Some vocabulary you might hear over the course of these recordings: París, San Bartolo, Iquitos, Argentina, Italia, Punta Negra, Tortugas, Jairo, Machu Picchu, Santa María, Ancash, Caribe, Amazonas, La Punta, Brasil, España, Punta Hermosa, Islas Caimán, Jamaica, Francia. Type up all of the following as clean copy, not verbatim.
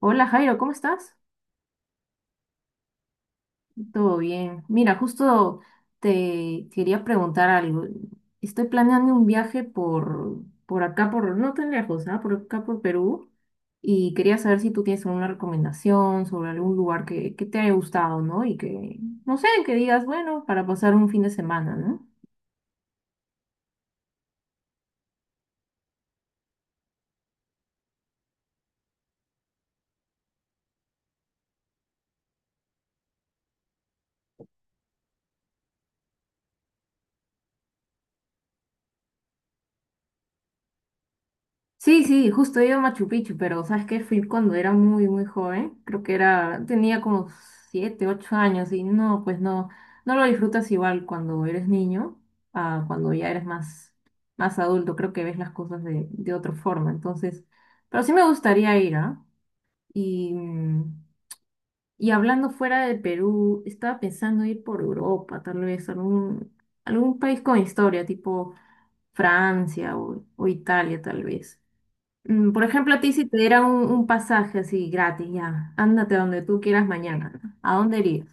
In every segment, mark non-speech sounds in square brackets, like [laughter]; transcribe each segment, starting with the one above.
Hola Jairo, ¿cómo estás? Todo bien. Mira, justo te quería preguntar algo. Estoy planeando un viaje por acá, por, no tan lejos, ¿ah? Por acá, por Perú. Y quería saber si tú tienes alguna recomendación sobre algún lugar que te haya gustado, ¿no? Y que, no sé, que digas, bueno, para pasar un fin de semana, ¿no? Sí, sí, justo he ido a Machu Picchu, pero ¿sabes qué? Fui cuando era muy, muy joven. Creo que era, tenía como siete, ocho años y no, pues no, no lo disfrutas igual cuando eres niño a cuando ya eres más, más adulto. Creo que ves las cosas de otra forma. Entonces, pero sí me gustaría ir, ¿ah? Y, mm, y hablando fuera de Perú, estaba pensando ir por Europa, tal vez algún, algún país con historia, tipo Francia o Italia, tal vez. Por ejemplo, a ti si te dieran un pasaje así gratis, ya, ándate donde tú quieras mañana. ¿No? ¿A dónde irías?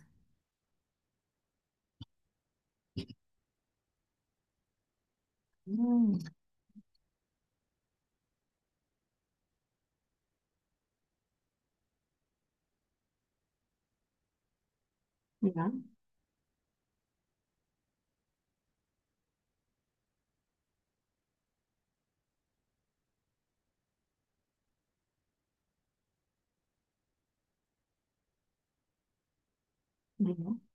Mm, Ya. Ya.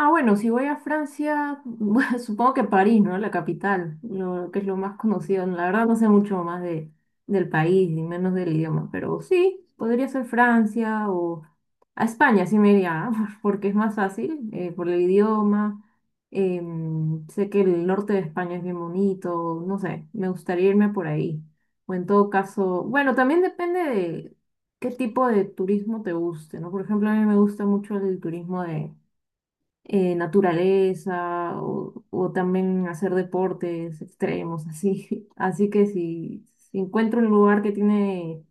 Ah, bueno, si voy a Francia, [laughs] bueno, supongo que París, ¿no? La capital, lo que es lo más conocido. La verdad no sé mucho más de, del país y menos del idioma, pero sí, podría ser Francia o a España, sí me iría, [laughs] porque es más fácil por el idioma. Sé que el norte de España es bien bonito, no sé, me gustaría irme por ahí. O en todo caso, bueno, también depende de qué tipo de turismo te guste, ¿no? Por ejemplo, a mí me gusta mucho el turismo de naturaleza o también hacer deportes extremos, así. [laughs] Así que si, si encuentro un lugar que tiene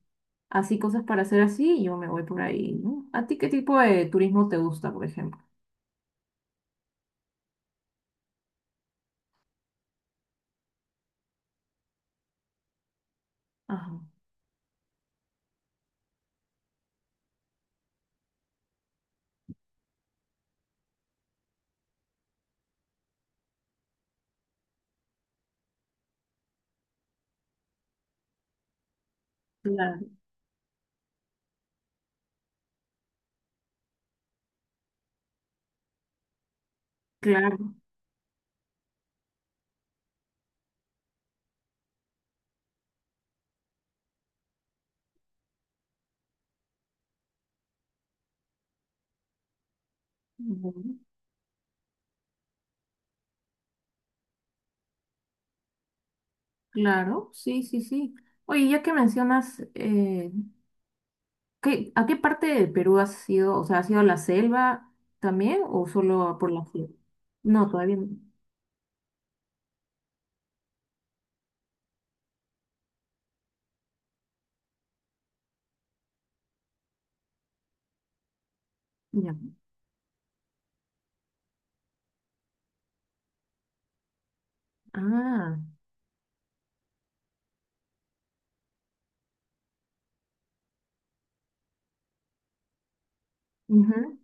así cosas para hacer así, yo me voy por ahí, ¿no? ¿A ti qué tipo de turismo te gusta, por ejemplo? Ajá. Claro, claro, ujú, claro, sí, sí, sí. Oye, ya que mencionas, ¿a qué parte de Perú has ido? O sea, ¿has ido a la selva también o solo por la selva? No, todavía no. Ya. Ah, ujú.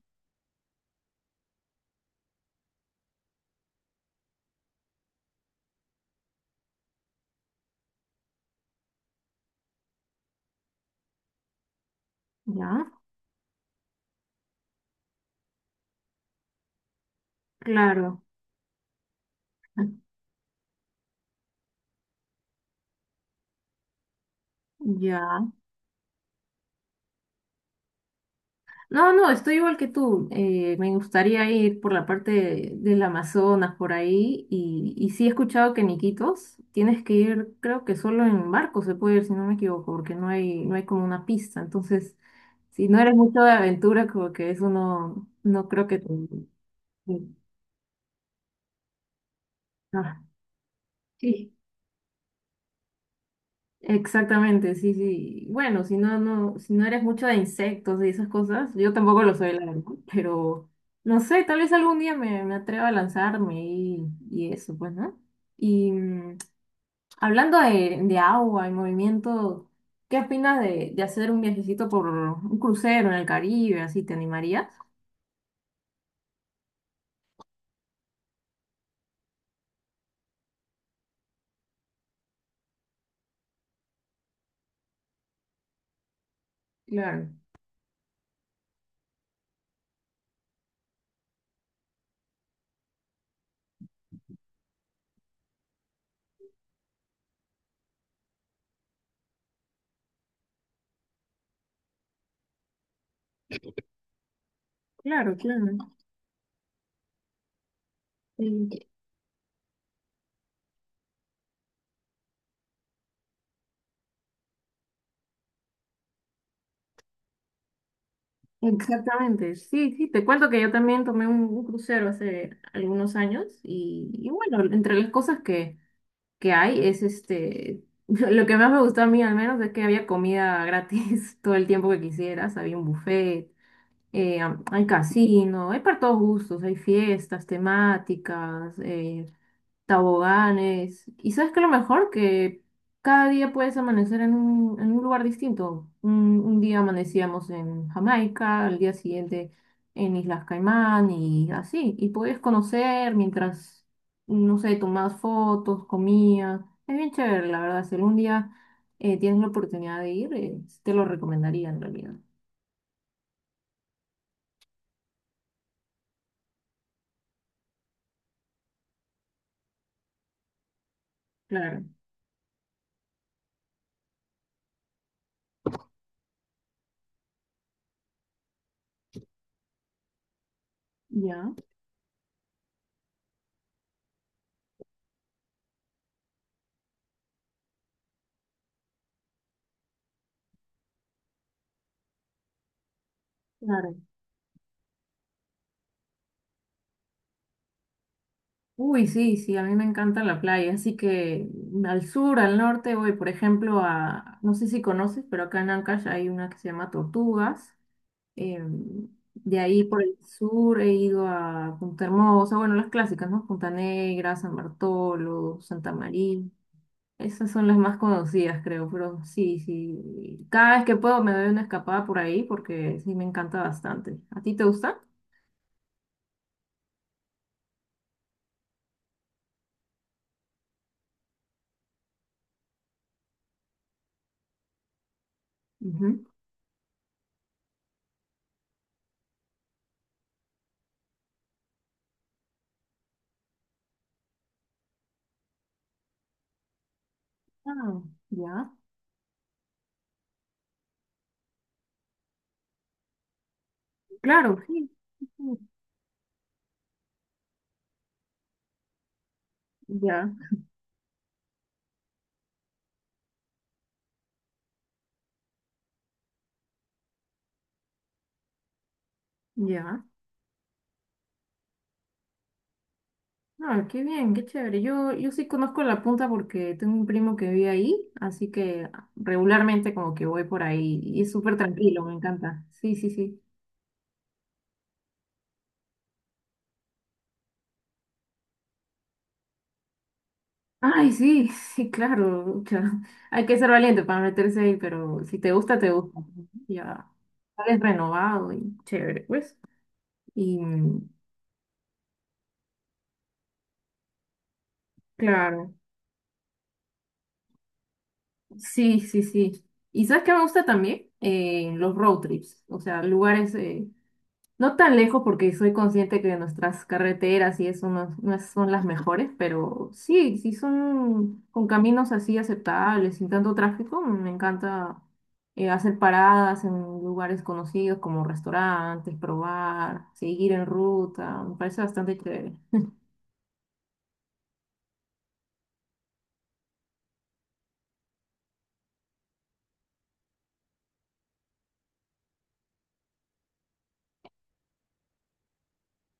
Ya, claro, ya. No, no, estoy igual que tú. Me gustaría ir por la parte del Amazonas, por ahí. Y sí he escuchado que en Iquitos tienes que ir, creo que solo en barco se puede ir, si no me equivoco, porque no hay, no hay como una pista. Entonces, si no eres mucho de aventura, como que eso no, no creo que te... te- ah, sí. Exactamente, sí, sí. Bueno, si no, no, si no eres mucho de insectos y esas cosas, yo tampoco lo soy, la verdad, pero no sé, tal vez algún día me, me atreva a lanzarme y eso, pues, ¿no? Y mm, hablando de agua y movimiento, ¿qué opinas de hacer un viajecito por un crucero en el Caribe? ¿Así te animarías? Claro, claro, claro. Exactamente, sí, sí, te cuento que yo también tomé un crucero hace algunos años y bueno, entre las cosas que hay es este, [laughs] lo que más me gustó a mí al menos es que había comida gratis [laughs] todo el tiempo que quisieras, había un buffet, hay casino, hay para todos gustos, hay fiestas temáticas, taboganes. Y sabes que lo mejor que cada día puedes amanecer en un lugar distinto. Un día amanecíamos en Jamaica, al día siguiente en Islas Caimán y así. Y puedes conocer mientras, no sé, tomabas fotos, comías. Es bien chévere, la verdad. Si algún día tienes la oportunidad de ir, te lo recomendaría en realidad. Claro. Ya, claro. Uy, sí, sí, a mí me encanta la playa, así que al sur, al norte voy, por ejemplo, a, no sé si conoces, pero acá en Ancash hay una que se llama Tortugas. em, de ahí por el sur he ido a Punta Hermosa, bueno, las clásicas, ¿no? Punta Negra, San Bartolo, Santa María. Esas son las más conocidas, creo, pero sí, sí. Cada vez que puedo me doy una escapada por ahí porque sí me encanta bastante. ¿A ti te gusta? Ujú. Ah, ya. Claro, sí. Sí, sí. Ya. Ya. Ah, qué bien, qué chévere. Yo sí conozco La Punta porque tengo un primo que vive ahí, así que regularmente como que voy por ahí y es súper tranquilo, me encanta. Sí, sí, sí. Ay, sí, [laughs] sí, claro. Cha. Hay que ser valiente para meterse ahí, pero si te gusta, te gusta. Ya. Sales renovado y chévere, pues. Y mm, claro, sí, sí, sí. ¿Y sabes qué me gusta también? Los road trips, o sea, lugares no tan lejos porque soy consciente que nuestras carreteras y eso no, no son las mejores, pero sí, sí son con caminos así aceptables, sin tanto tráfico. Me encanta hacer paradas en lugares conocidos como restaurantes, probar, seguir en ruta. Me parece bastante chévere.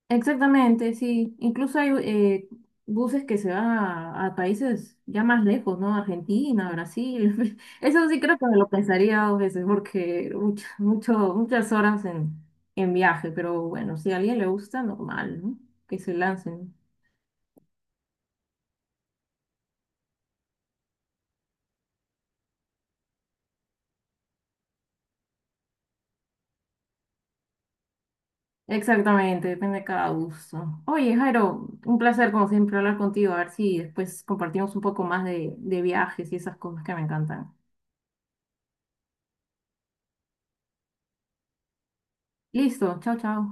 Exactamente, sí. Incluso hay buses que se van a países ya más lejos, ¿no? Argentina, Brasil. [laughs] Eso sí creo que me lo pensaría dos veces porque mucho, muchas horas en viaje, pero bueno, si a alguien le gusta, normal, ¿no? Que se lancen. Exactamente, depende de cada gusto. Oye, Jairo, un placer como siempre hablar contigo, a ver si después compartimos un poco más de viajes y esas cosas que me encantan. Listo, chao, chao.